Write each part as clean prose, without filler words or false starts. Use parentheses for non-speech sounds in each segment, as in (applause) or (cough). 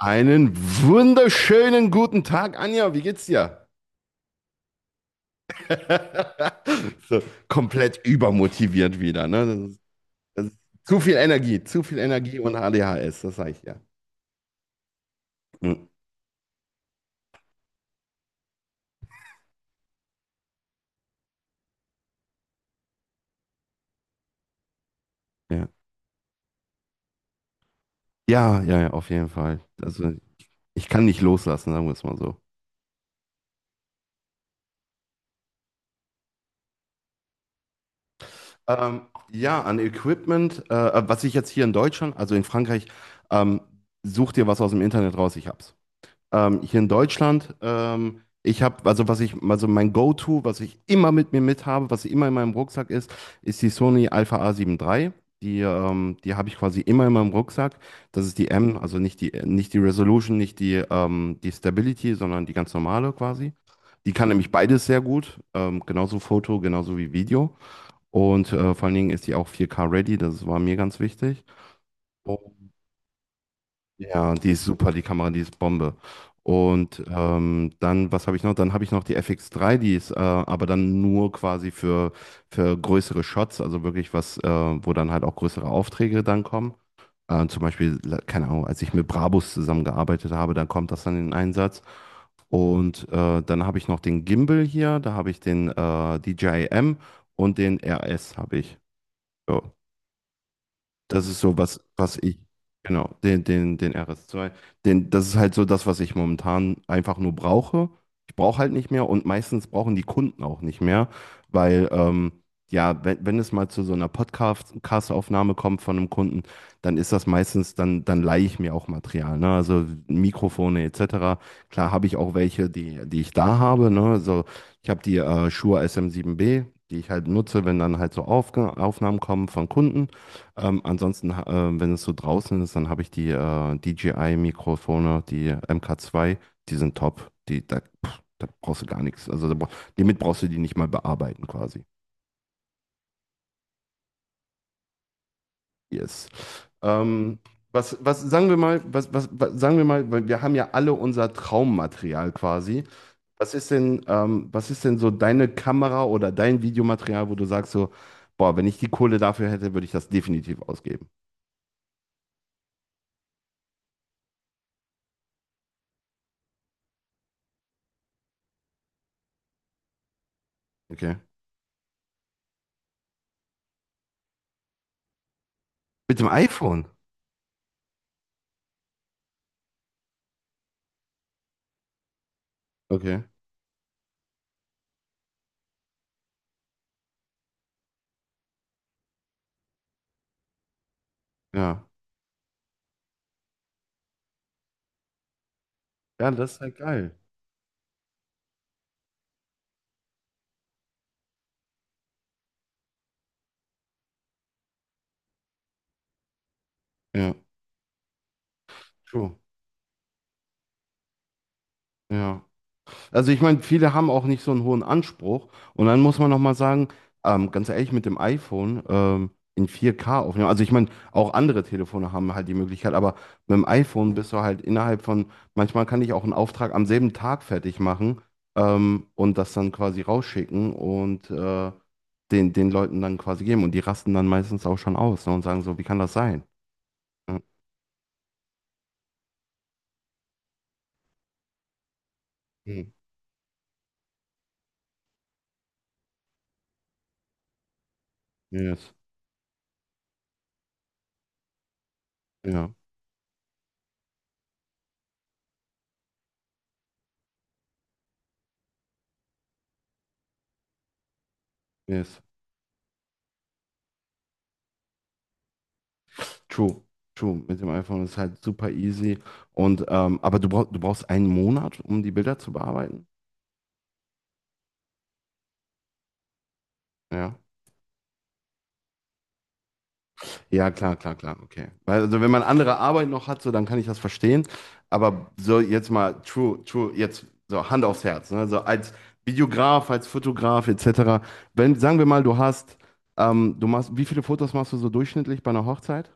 Einen wunderschönen guten Tag, Anja. Wie geht's dir? (laughs) So, komplett übermotiviert wieder, ne? Das ist zu viel Energie und ADHS, das sag ich ja. Hm. Ja. Ja, ja, ja, auf jeden Fall. Also, ich kann nicht loslassen, sagen wir es mal so. Ja, an Equipment, was ich jetzt hier in Deutschland, also in Frankreich, ähm, such dir was aus dem Internet raus, ich hab's. Hier in Deutschland, ich habe, also was ich, also mein Go-To, was ich immer mit mir mit habe, was immer in meinem Rucksack ist, ist die Sony Alpha A7 III. Die habe ich quasi immer in meinem Rucksack. Das ist die M, also nicht die Resolution, nicht die Stability, sondern die ganz normale quasi. Die kann nämlich beides sehr gut, genauso Foto, genauso wie Video. Und vor allen Dingen ist die auch 4K ready, das war mir ganz wichtig. Ja, die ist super, die Kamera, die ist Bombe. Und dann, was habe ich noch? Dann habe ich noch die FX3, die ist aber dann nur quasi für größere Shots, also wirklich was, wo dann halt auch größere Aufträge dann kommen. Zum Beispiel, keine Ahnung, als ich mit Brabus zusammengearbeitet habe, dann kommt das dann in Einsatz. Und dann habe ich noch den Gimbal hier, da habe ich den DJI M und den RS habe ich. Ja. Das ist so, was ich, genau, den RS zwei das ist halt so das, was ich momentan einfach nur brauche. Ich brauche halt nicht mehr und meistens brauchen die Kunden auch nicht mehr, weil, ja, wenn es mal zu so einer Podcast-Aufnahme kommt von einem Kunden, dann ist das meistens, dann leihe ich mir auch Material, ne? Also Mikrofone etc. Klar habe ich auch welche, die, die ich da habe, ne? Also ich habe die Shure SM7B, die ich halt nutze, wenn dann halt so Aufge Aufnahmen kommen von Kunden. Ansonsten, wenn es so draußen ist, dann habe ich die DJI-Mikrofone, die MK2, die sind top. Da brauchst du gar nichts. Also damit brauchst du die nicht mal bearbeiten quasi. Yes. Ähm, was sagen wir mal, weil wir haben ja alle unser Traummaterial quasi. Was ist denn so deine Kamera oder dein Videomaterial, wo du sagst so, boah, wenn ich die Kohle dafür hätte, würde ich das definitiv ausgeben. Okay. Mit dem iPhone. Okay. Ja. Ja, das ist halt geil. Ja, true. Ja. Also ich meine, viele haben auch nicht so einen hohen Anspruch. Und dann muss man nochmal sagen, ganz ehrlich, mit dem iPhone in 4K aufnehmen. Also ich meine, auch andere Telefone haben halt die Möglichkeit, aber mit dem iPhone bist du halt innerhalb von, manchmal kann ich auch einen Auftrag am selben Tag fertig machen, und das dann quasi rausschicken und den, Leuten dann quasi geben. Und die rasten dann meistens auch schon aus, ne, und sagen so, wie kann das sein? Ja. Hm. Yes. Ja. Yes. True, true. Mit dem iPhone ist halt super easy. Und aber du brauchst einen Monat, um die Bilder zu bearbeiten. Ja. Ja, klar, klar, klar. Okay. Weil, also wenn man andere Arbeit noch hat, so dann kann ich das verstehen. Aber so jetzt mal true, true, jetzt so Hand aufs Herz. Ne? So als Videograf, als Fotograf etc. Wenn, sagen wir mal, du machst, wie viele Fotos machst du so durchschnittlich bei einer Hochzeit?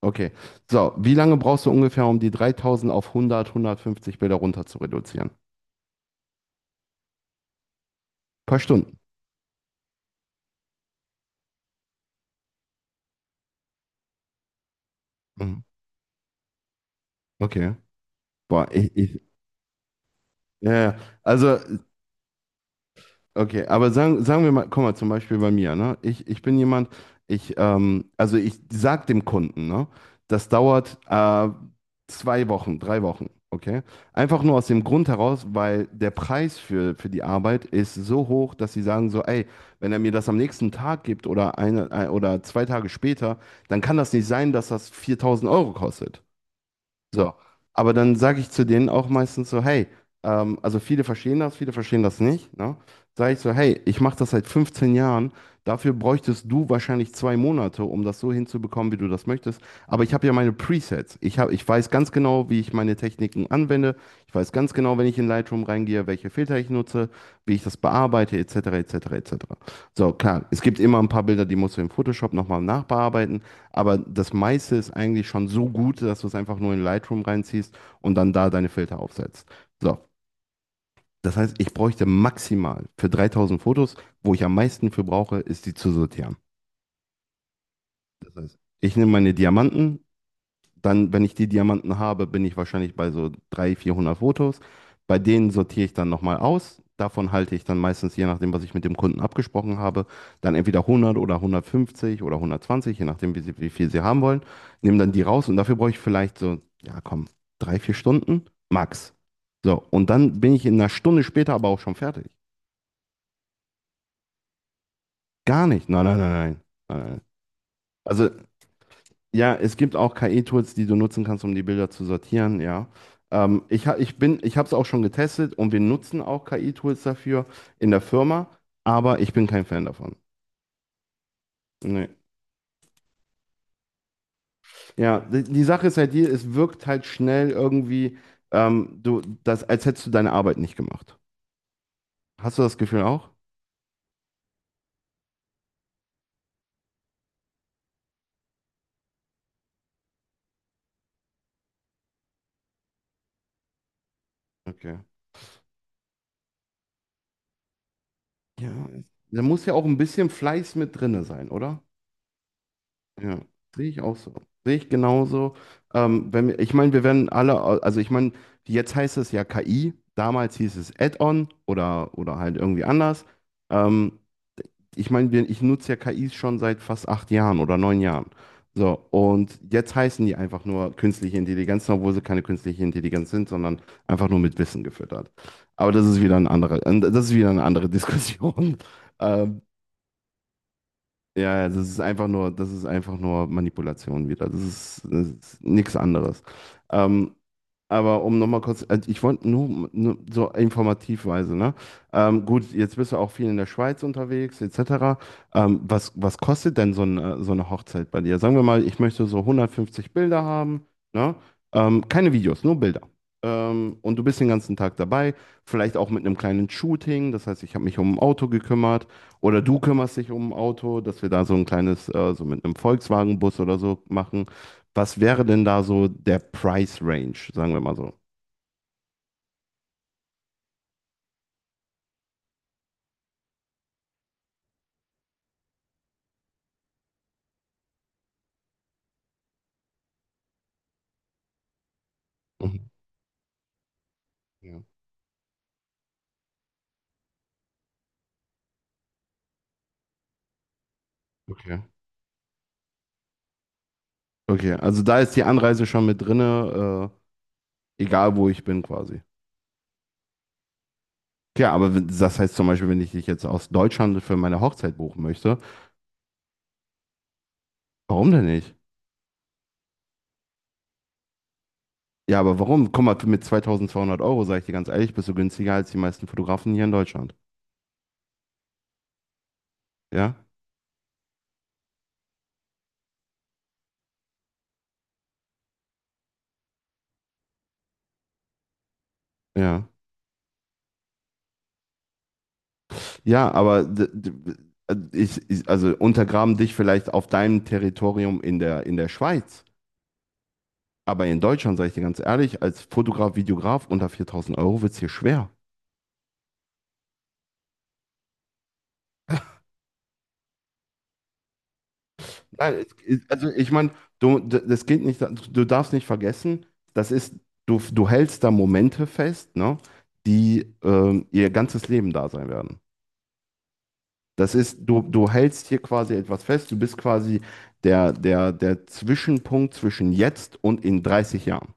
Okay. So, wie lange brauchst du ungefähr, um die 3000 auf 100, 150 Bilder runter zu reduzieren? Ein paar Stunden. Mhm. Okay. Boah, ja, ja. Also, okay, aber sagen wir mal, guck mal, zum Beispiel bei mir, ne? Ich bin jemand, also ich sag dem Kunden, ne? Das dauert 2 Wochen, 3 Wochen, okay? Einfach nur aus dem Grund heraus, weil der Preis für die Arbeit ist so hoch, dass sie sagen so, ey, wenn er mir das am nächsten Tag gibt oder eine, ein, oder zwei Tage später, dann kann das nicht sein, dass das 4000 Euro kostet. So, aber dann sage ich zu denen auch meistens so, hey, also viele verstehen das nicht, ne? Sage ich so, hey, ich mache das seit 15 Jahren, dafür bräuchtest du wahrscheinlich 2 Monate, um das so hinzubekommen, wie du das möchtest. Aber ich habe ja meine Presets. Ich weiß ganz genau, wie ich meine Techniken anwende. Ich weiß ganz genau, wenn ich in Lightroom reingehe, welche Filter ich nutze, wie ich das bearbeite, etc., etc., etc. So, klar, es gibt immer ein paar Bilder, die musst du in Photoshop nochmal nachbearbeiten. Aber das meiste ist eigentlich schon so gut, dass du es einfach nur in Lightroom reinziehst und dann da deine Filter aufsetzt. So, das heißt, ich bräuchte maximal für 3000 Fotos, wo ich am meisten für brauche, ist die zu sortieren. Das heißt, ich nehme meine Diamanten. Dann, wenn ich die Diamanten habe, bin ich wahrscheinlich bei so 300, 400 Fotos. Bei denen sortiere ich dann nochmal aus. Davon halte ich dann meistens, je nachdem, was ich mit dem Kunden abgesprochen habe, dann entweder 100 oder 150 oder 120, je nachdem, wie viel sie haben wollen. Nehme dann die raus und dafür brauche ich vielleicht so, ja komm, drei, vier Stunden max. So, und dann bin ich in einer Stunde später aber auch schon fertig. Gar nicht. Nein, nein, nein, nein. Nein, nein. Also ja, es gibt auch KI-Tools, die du nutzen kannst, um die Bilder zu sortieren, ja. Ich ha, ich bin, ich habe es auch schon getestet und wir nutzen auch KI-Tools dafür in der Firma, aber ich bin kein Fan davon. Nee. Ja, die Sache ist halt die, es wirkt halt schnell irgendwie, als hättest du deine Arbeit nicht gemacht. Hast du das Gefühl auch? Okay. Ja, da muss ja auch ein bisschen Fleiß mit drinne sein, oder? Ja, sehe ich auch so. Sehe ich genauso. Wenn wir, ich meine, wir werden alle, also ich meine, jetzt heißt es ja KI, damals hieß es Add-on oder halt irgendwie anders. Ähm, ich meine, ich nutze ja KIs schon seit fast 8 Jahren oder 9 Jahren. So, und jetzt heißen die einfach nur künstliche Intelligenz, obwohl sie keine künstliche Intelligenz sind, sondern einfach nur mit Wissen gefüttert. Aber das ist wieder ein anderer, das ist wieder eine andere (laughs) Diskussion. Ähm, ja, ja, das ist einfach nur Manipulation wieder. Das ist nichts anderes. Ähm, aber um nochmal kurz, ich wollte nur, so informativweise, ne? Gut, jetzt bist du auch viel in der Schweiz unterwegs, etc. Was kostet denn so eine Hochzeit bei dir? Sagen wir mal, ich möchte so 150 Bilder haben, ne? Keine Videos, nur Bilder. Und du bist den ganzen Tag dabei, vielleicht auch mit einem kleinen Shooting, das heißt, ich habe mich um ein Auto gekümmert oder du kümmerst dich um ein Auto, dass wir da so ein kleines, so mit einem Volkswagen-Bus oder so machen. Was wäre denn da so der Price Range, sagen wir mal so? Mhm. Ja, okay. Okay, also da ist die Anreise schon mit drinne, egal wo ich bin quasi. Ja, aber das heißt zum Beispiel, wenn ich dich jetzt aus Deutschland für meine Hochzeit buchen möchte, warum denn nicht? Ja, aber warum? Guck mal, mit 2200 Euro, sage ich dir ganz ehrlich, bist du günstiger als die meisten Fotografen hier in Deutschland. Ja, ja. Ja, aber also untergraben dich vielleicht auf deinem Territorium in der, Schweiz. Aber in Deutschland, sage ich dir ganz ehrlich, als Fotograf, Videograf unter 4000 Euro wird es hier schwer. Nein, also ich meine, das geht nicht, du darfst nicht vergessen, das ist, du hältst da Momente fest, ne, die ihr ganzes Leben da sein werden. Du hältst hier quasi etwas fest, du bist quasi der Zwischenpunkt zwischen jetzt und in 30 Jahren.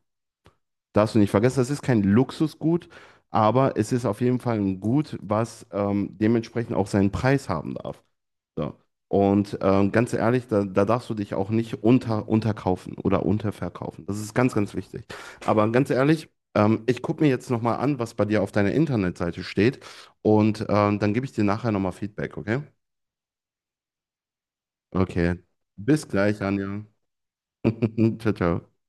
Darfst du nicht vergessen, das ist kein Luxusgut, aber es ist auf jeden Fall ein Gut, was dementsprechend auch seinen Preis haben darf. So. Und ganz ehrlich, da darfst du dich auch nicht unterkaufen oder unterverkaufen. Das ist ganz, ganz wichtig. Aber ganz ehrlich, ich gucke mir jetzt nochmal an, was bei dir auf deiner Internetseite steht. Und dann gebe ich dir nachher nochmal Feedback, okay? Okay. Bis gleich, Anja. (laughs) Ciao, ciao.